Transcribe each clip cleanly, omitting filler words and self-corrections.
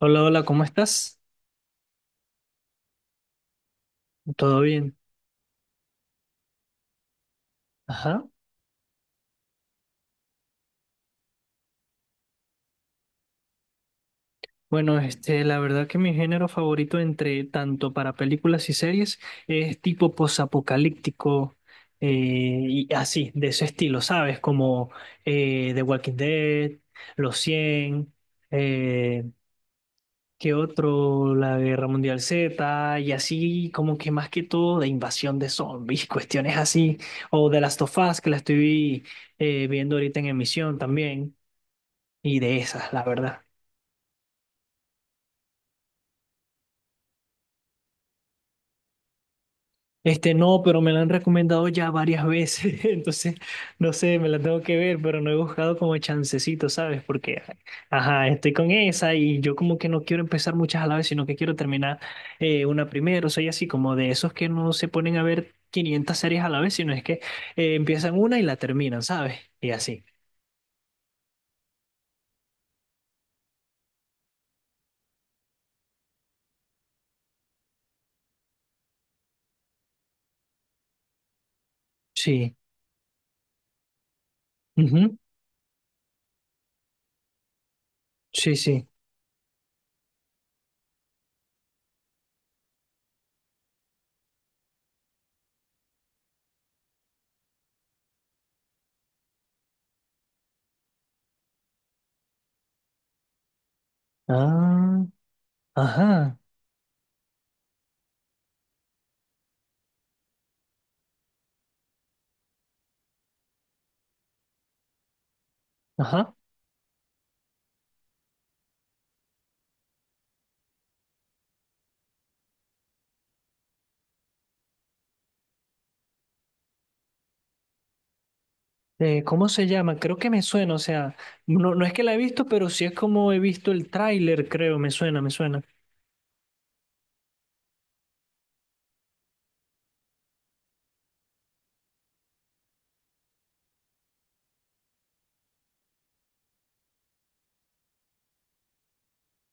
Hola, hola, ¿cómo estás? ¿Todo bien? Ajá. Bueno, la verdad que mi género favorito entre tanto para películas y series es tipo posapocalíptico eh, y así, de ese estilo, ¿sabes? Como The Walking Dead, Los 100 eh, ¿qué otro? La Guerra Mundial Z y así como que más que todo de invasión de zombies, cuestiones así, o The Last of Us que la estoy viendo ahorita en emisión también. Y de esas, la verdad. Este no, pero me la han recomendado ya varias veces, entonces no sé, me la tengo que ver, pero no he buscado como chancecito, ¿sabes? Porque, ajá, estoy con esa y yo como que no quiero empezar muchas a la vez, sino que quiero terminar una primero. Soy así como de esos que no se ponen a ver 500 series a la vez, sino es que empiezan una y la terminan, ¿sabes? Y así. Sí. Ujú. Sí, sí. Ah, ajá, ajá. ¿Cómo se llama? Creo que me suena, o sea, no, no es que la he visto, pero sí es como he visto el tráiler, creo, me suena, me suena.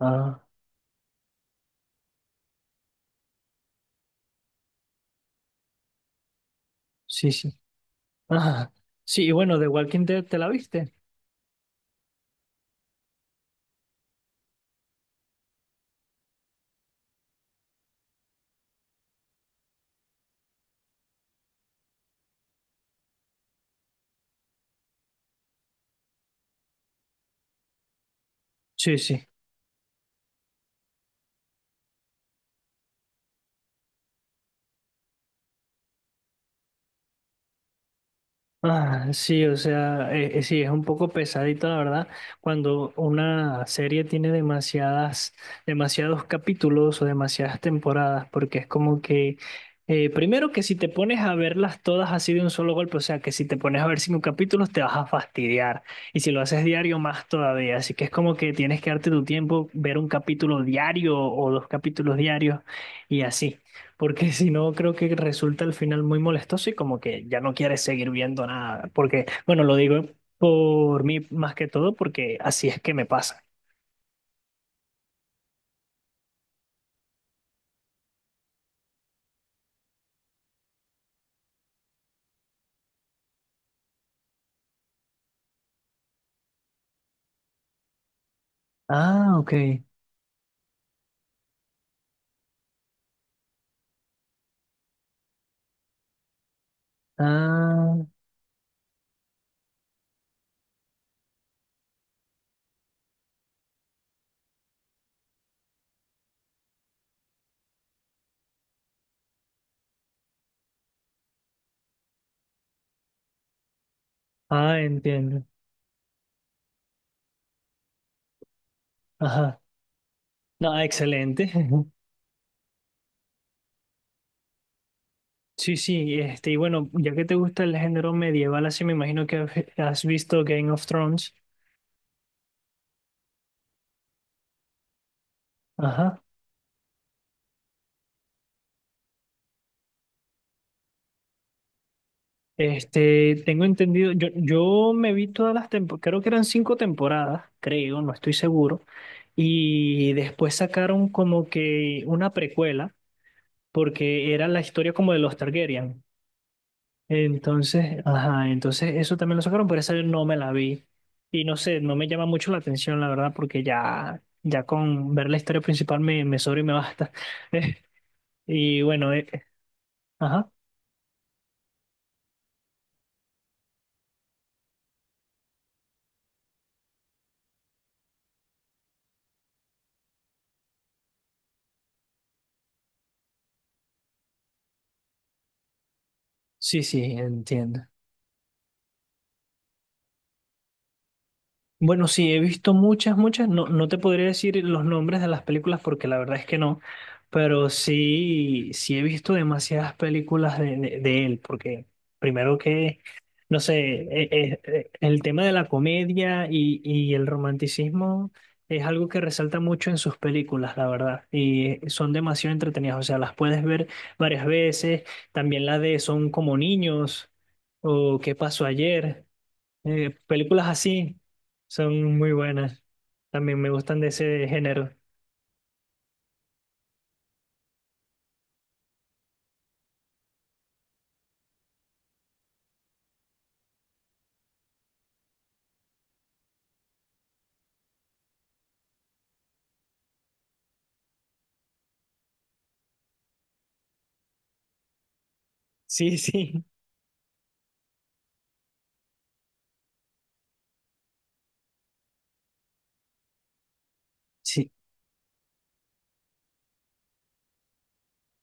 Ah, sí, sí. Ajá. Sí, y bueno, The Walking Dead, ¿te la viste? Sí, sí. Ah, sí, o sea, sí, es un poco pesadito, la verdad, cuando una serie tiene demasiados capítulos o demasiadas temporadas, porque es como que, primero que si te pones a verlas todas así de un solo golpe, o sea, que si te pones a ver 5 capítulos te vas a fastidiar, y si lo haces diario más todavía, así que es como que tienes que darte tu tiempo, ver un capítulo diario o 2 capítulos diarios y así. Porque si no, creo que resulta al final muy molestoso y como que ya no quieres seguir viendo nada. Porque, bueno, lo digo por mí más que todo porque así es que me pasa. Ah, ok. Ah, ah, entiendo. Ajá. No, excelente. Sí, sí, este, y bueno, ya que te gusta el género medieval, así me imagino que has visto Game of Thrones. Ajá. Este, tengo entendido, yo me vi todas las temporadas, creo que eran 5 temporadas, creo, no estoy seguro, y después sacaron como que una precuela, porque era la historia como de los Targaryen. Entonces, ajá, entonces eso también lo sacaron, pero esa yo no me la vi. Y no sé, no me llama mucho la atención, la verdad, porque ya, ya con ver la historia principal me, me sobra y me basta. Y bueno, ajá, sí, sí, entiendo. Bueno, sí, he visto muchas, muchas. No, no te podría decir los nombres de las películas porque la verdad es que no, pero sí, sí he visto demasiadas películas de él, porque primero que, no sé, el tema de la comedia y el romanticismo es algo que resalta mucho en sus películas, la verdad, y son demasiado entretenidas, o sea, las puedes ver varias veces, también la de Son como niños o ¿Qué pasó ayer? Películas así son muy buenas. También me gustan de ese género. Sí, sí, sí,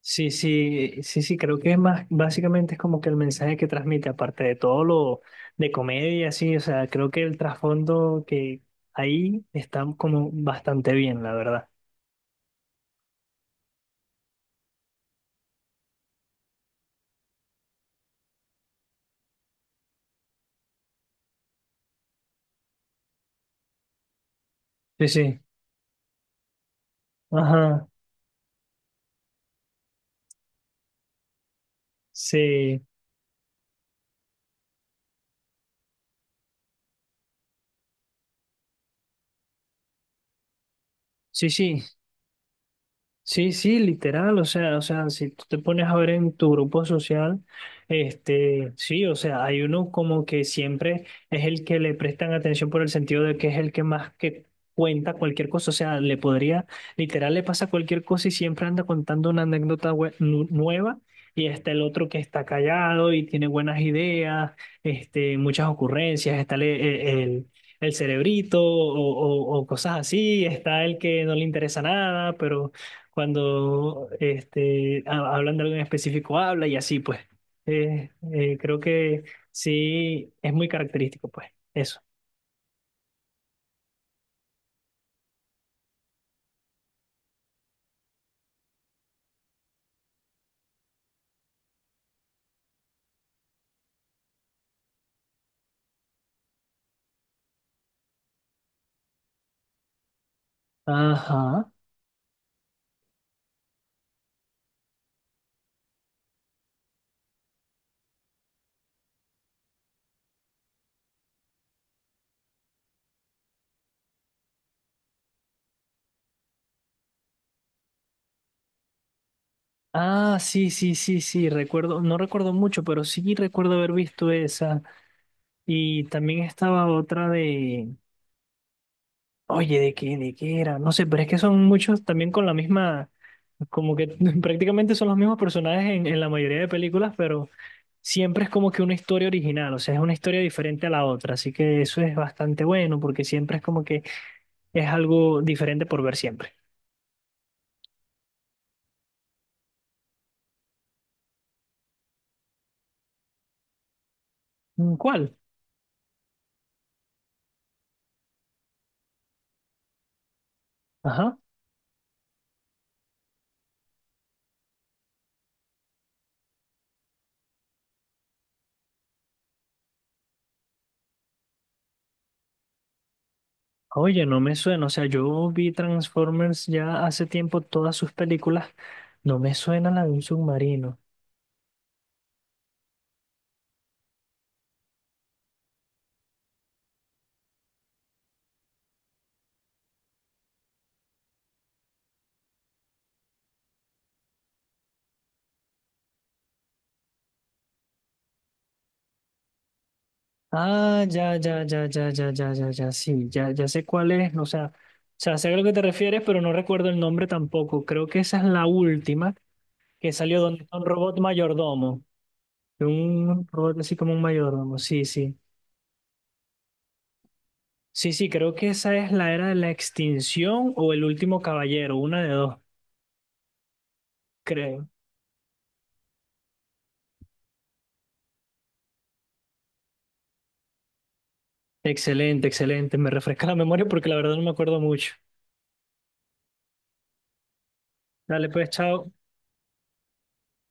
sí, sí, sí, sí, creo que es más, básicamente es como que el mensaje que transmite, aparte de todo lo de comedia, sí, o sea, creo que el trasfondo que ahí está como bastante bien, la verdad. Sí, sí, ajá, sí, sí, sí, sí, sí, literal, o sea, si tú te pones a ver en tu grupo social, este, sí, o sea, hay uno como que siempre es el que le prestan atención por el sentido de que es el que más que cuenta cualquier cosa, o sea, le podría, literal, le pasa cualquier cosa y siempre anda contando una anécdota bue- nu- nueva y está el otro que está callado y tiene buenas ideas, este, muchas ocurrencias, está el cerebrito o cosas así, está el que no le interesa nada, pero cuando este, hablan de algo en específico, habla y así, pues. Creo que sí, es muy característico, pues, eso. Ajá. Ah, sí, sí, sí, sí, recuerdo, no recuerdo mucho, pero sí recuerdo haber visto esa. Y también estaba otra de, oye, ¿de qué era? No sé, pero es que son muchos también con la misma, como que prácticamente son los mismos personajes en la mayoría de películas, pero siempre es como que una historia original, o sea, es una historia diferente a la otra, así que eso es bastante bueno porque siempre es como que es algo diferente por ver siempre. Mm, ¿cuál? Ajá. Oye, no me suena, o sea, yo vi Transformers ya hace tiempo todas sus películas, no me suena la de un submarino. Ah, ya, ya, ya, ya, ya, ya, ya, ya, sí, ya, ya sé cuál es, o sea, sé a lo que te refieres, pero no recuerdo el nombre tampoco. Creo que esa es la última que salió donde está un robot mayordomo, un robot así como un mayordomo, sí, sí. Sí, sí, creo que esa es la era de la extinción o el último caballero, una de dos, creo. Excelente, excelente, me refresca la memoria porque la verdad no me acuerdo mucho. Dale, pues, chao.